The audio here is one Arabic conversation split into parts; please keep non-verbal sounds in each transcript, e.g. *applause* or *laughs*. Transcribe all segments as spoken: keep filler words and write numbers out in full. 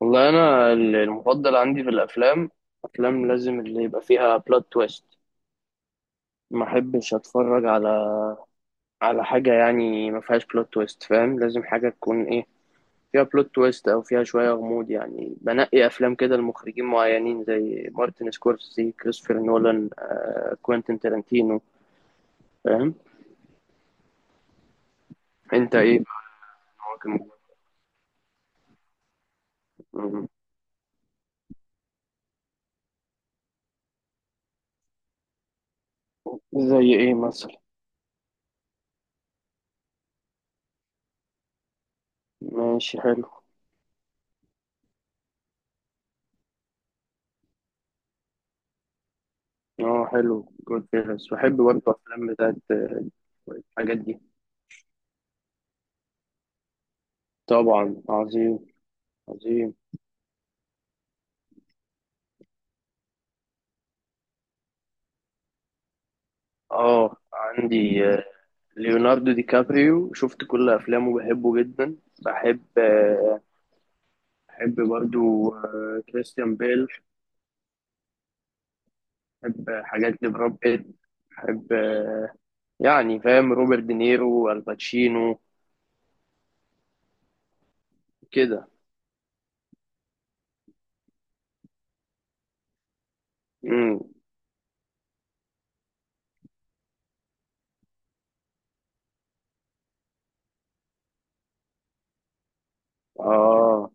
والله انا ال- المفضل عندي في الافلام، افلام لازم اللي يبقى فيها بلوت تويست. ما احبش اتفرج على على حاجه، يعني ما فيهاش بلوت تويست، فاهم؟ لازم حاجه تكون ايه، فيها بلوت تويست او فيها شويه غموض. يعني بنقي افلام كده لمخرجين معينين، زي مارتن سكورسي، كريستوفر نولان، آه، كوينتين تارانتينو، فاهم؟ انت ايه بقى؟ ممكن- مم. زي ايه مثلا؟ ماشي، حلو. اه حلو، جود فيلز بحب برضه، افلام بتاعت آه، الحاجات دي. طبعا، عظيم. عظيم. اه عندي آه، ليوناردو دي كابريو، شفت كل افلامه بحبه جدا. بحب آه، بحب برضو آه، كريستيان بيل. بحب آه، حاجات لبراد بيت. بحب آه، يعني فاهم، روبرت دينيرو، الباتشينو، كده. امم. اه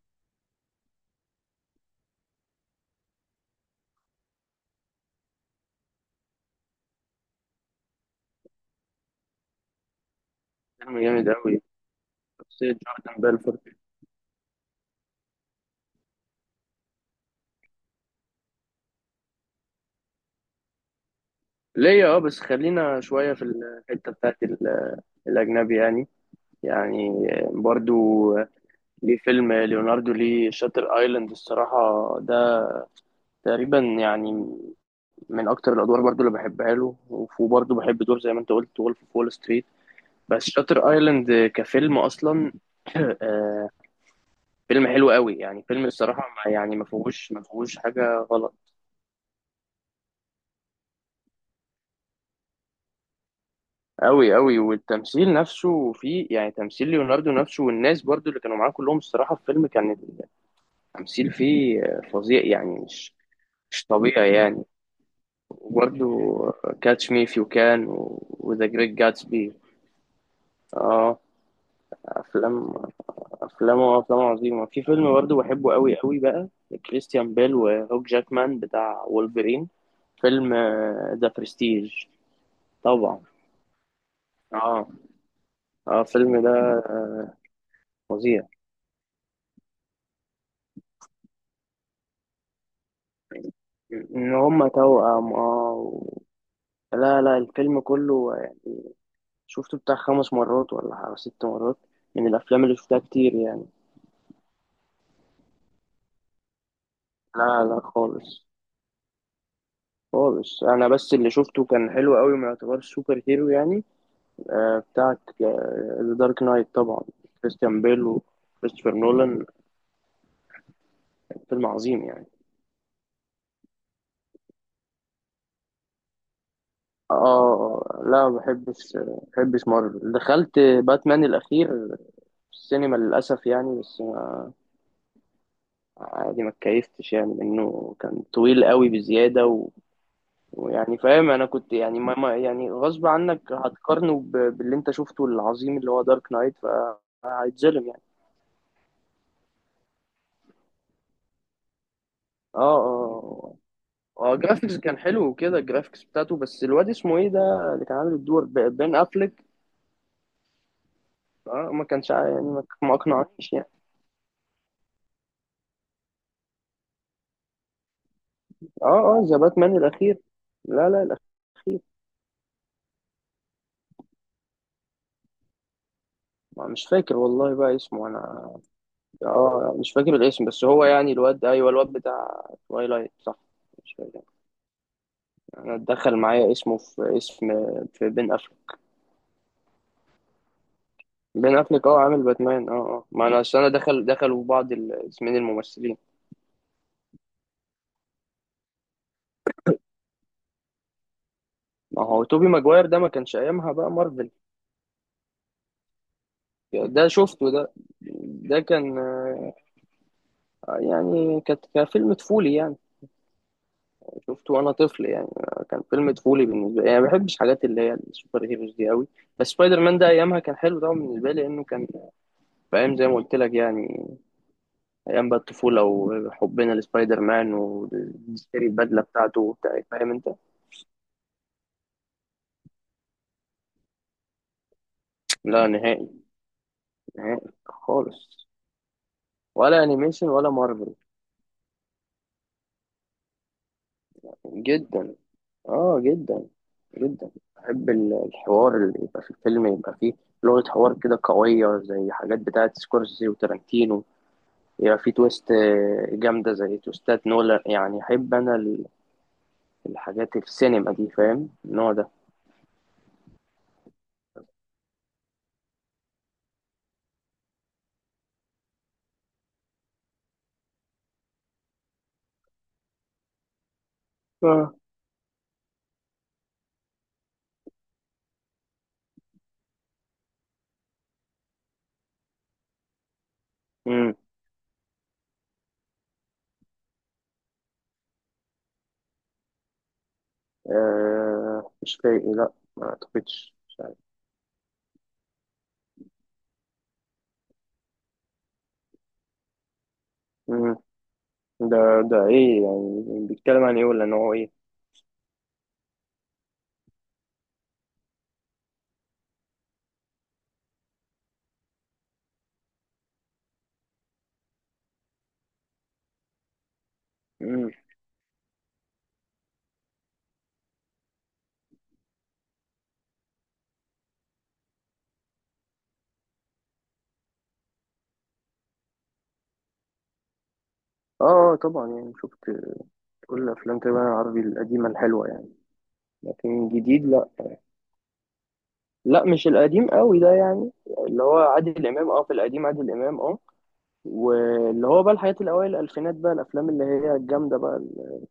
فيلم جامد قوي، شخصية جوردن بيلفورد. ليا اه، بس خلينا شوية في الحتة بتاعت ال- الأجنبي يعني. يعني آه، برضو ليه فيلم، ليوناردو، ليه شاتر ايلاند الصراحة ده تقريبا. يعني من اكتر الادوار برضو اللي بحبها له، وف- وبرضو بحب دور زي ما انت قلت وولف اوف وول ستريت، بس شاتر ايلاند كفيلم اصلا *clears throat* آه، فيلم حلو قوي يعني. فيلم الصراحة ما- يعني ما فيهوش ما فيهوش حاجة غلط. قوي قوي، والتمثيل نفسه فيه، يعني تمثيل ليوناردو نفسه والناس برضو اللي كانوا معاه كلهم الصراحة في الفيلم، كان التمثيل فيه آه، فظيع يعني، مش مش طبيعي يعني. وبرده كاتش مي إف يو كان، وذا جريت جاتسبي. اه افلام، افلام افلام عظيمه. في فيلم برضه بحبه قوي قوي بقى، كريستيان بيل وهوك جاكمان بتاع وولفرين. فيلم ذا برستيج، طبعا. اه اه الفيلم ده فظيع. ان هما توأم، اه و... لا لا، الفيلم كله آه، شفته بتاع خمس مرات ولا حاجة- ست مرات، من الافلام اللي شفتها كتير يعني. لا لا خالص. خالص، انا بس اللي شفته كان حلو قوي، ما يعتبرش سوبر هيرو يعني. آه بتاعت ذا دارك نايت طبعا، كريستيان بيل وكريستوفر نولان، فيلم عظيم يعني. اه لا، ما بحبش آه، ما بحبش مارفل. دخلت باتمان الاخير في السينما للاسف يعني، بس عادي، ما اتكيفتش يعني منه، كان طويل قوي بزياده و... ويعني فاهم، انا كنت يعني ما ما- يعني غصب عنك هتقارنه ب... باللي انت شفته العظيم اللي هو دارك نايت، فهيتظلم يعني. اه اه آه، اه جرافيكس كان حلو وكده، الجرافيكس بتاعته، بس الواد اسمه ايه ده اللي كان عامل الدور، ب- بين افليك. اه ما كانش ع- يعني ما ما اقنعنيش يعني. اه اه ذا باتمان الاخير. لا لا الاخير. ما- مش فاكر والله بقى اسمه انا. اه مش فاكر الاسم، بس هو يعني الواد، ايوه الواد بتاع تويلايت صح؟ مش فاكر. انا اتدخل معايا اسمه في اسم، في بين افليك. بين افليك اه عامل باتمان، اه اه ما انا أصل انا دخل دخلوا بعض الاسمين الممثلين. ما هو توبي ماجواير ده ما كانش ايامها بقى مارفل. ده شفته ده. ده كان آه، يعني كانت كان فيلم طفولي يعني. شفته وانا طفل يعني، آه، كان فيلم طفولي بالنسبه لي يعني، ما بحبش حاجات اللي هي السوبر هيروز دي قوي. بس سبايدر مان ده ايامها كان حلو طبعا بالنسبه لي، لانه كان في ايام زي ما قلت لك يعني، ايام بقى الطفوله وحبنا لسبايدر مان ونشتري البدله بتاعته وبتاع، فاهم انت. لا نهائي. نهائي خالص. ولا انيميشن ولا مارفل. جدا. اه جدا جدا. بحب ال- الحوار اللي يبقى في الفيلم، يبقى فيه لغة حوار كده قوية زي حاجات بتاعة سكورسي وتارانتينو. يبقى فيه تويست آه، جامدة زي تويستات نولان يعني. أحب أنا ال- الحاجات في السينما دي، فاهم، النوع ده. اه. مم. آه مش فايق، لأ ما أعتقدش، مش عارف. مم. ده ده إيه يعني؟ بيتكلم عن إيه ولا نوعه إيه؟ مم. آه آه، طبعا يعني شفت كل أفلام تقريبا العربي القديمة الحلوة يعني. لكن جديد لأ. لا مش القديم قوي ده يعني، اللي هو عادل امام، اه في القديم عادل امام اه. واللي هو بقى الحاجات الاوائل الالفينات بقى، الافلام اللي هي الجامده بقى ال-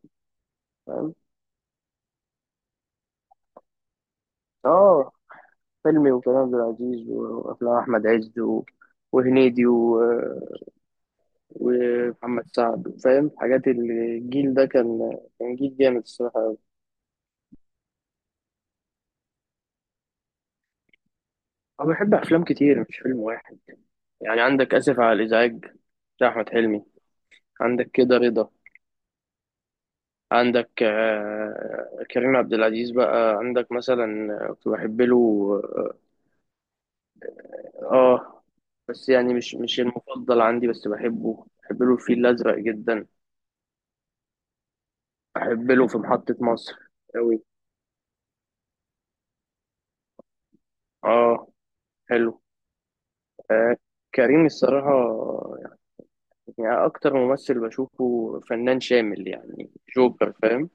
فاهم. اه فيلمي وكريم عبد العزيز وافلام احمد عز و... وهنيدي و... ومحمد سعد، فاهم، حاجات الجيل ده، كان كان جيل جامد الصراحه. انا بحب افلام كتير مش فيلم واحد. يعني عندك اسف على الازعاج بتاع احمد حلمي، عندك كده رضا، عندك آه، كريم عبد العزيز بقى، عندك مثلا آه، كنت بحب له. اه آه، بس يعني مش مش المفضل عندي، بس بحبه، بحب له الفيل الأزرق جدا. بحب له في محطة مصر أوي. اه حلو. آه كريم الصراحة، يعني أكتر ممثل بشوفه فنان شامل يعني، جوكر، فاهم،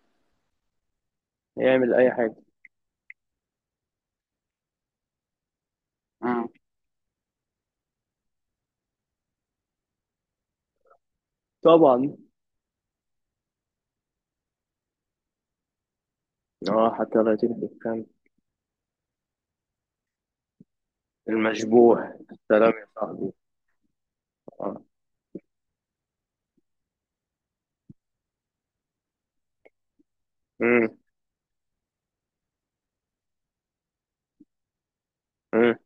يعمل أي حاجة. مم. طبعا. اه حتى لا تكذب كان. المشبوح. سلام يا صاحبي. اه. مم. مم.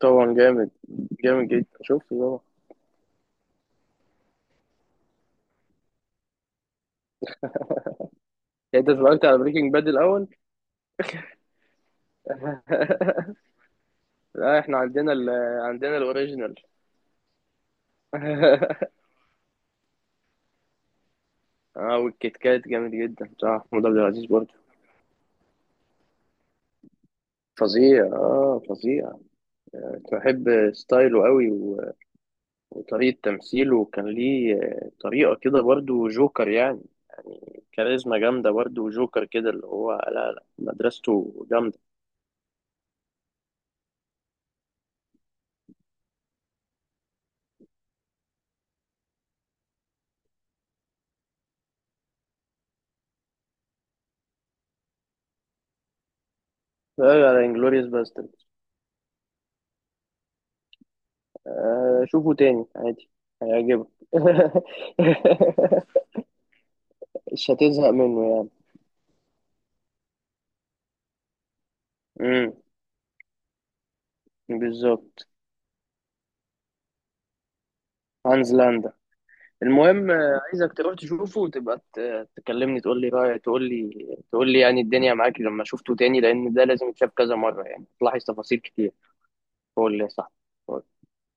طبعا جامد. جامد جدا، شفته طبعا. يعني انت اتفرجت على بريكنج باد الاول؟ *laughs* لا احنا عندنا ال، عندنا الاوريجينال. *laughs* اه والكيت كات جامد جدا بتاع محمود عبد العزيز برضه. فظيع اه فظيع. كنت بحب ستايله قوي و- وطريقة تمثيله، وكان ليه آه، طريقة كده برضه جوكر يعني، كاريزما جامدة برضه، وجوكر كده اللي هو لا لا مدرسته جامدة. لا، على انجلوريوس باسترد. آه شوفه تاني عادي، هيعجبك. *laughs* مش هتزهق منه يعني. امم. بالظبط. هانز لاندا. المهم آه، عايزك تروح تشوفه وتبقى ت- تكلمني تقول لي رايك، تقول لي تقول لي يعني الدنيا معاك لما شفته تاني، لان ده لازم يتشاف كذا مره يعني، تلاحظ تفاصيل كتير. قول لي صح.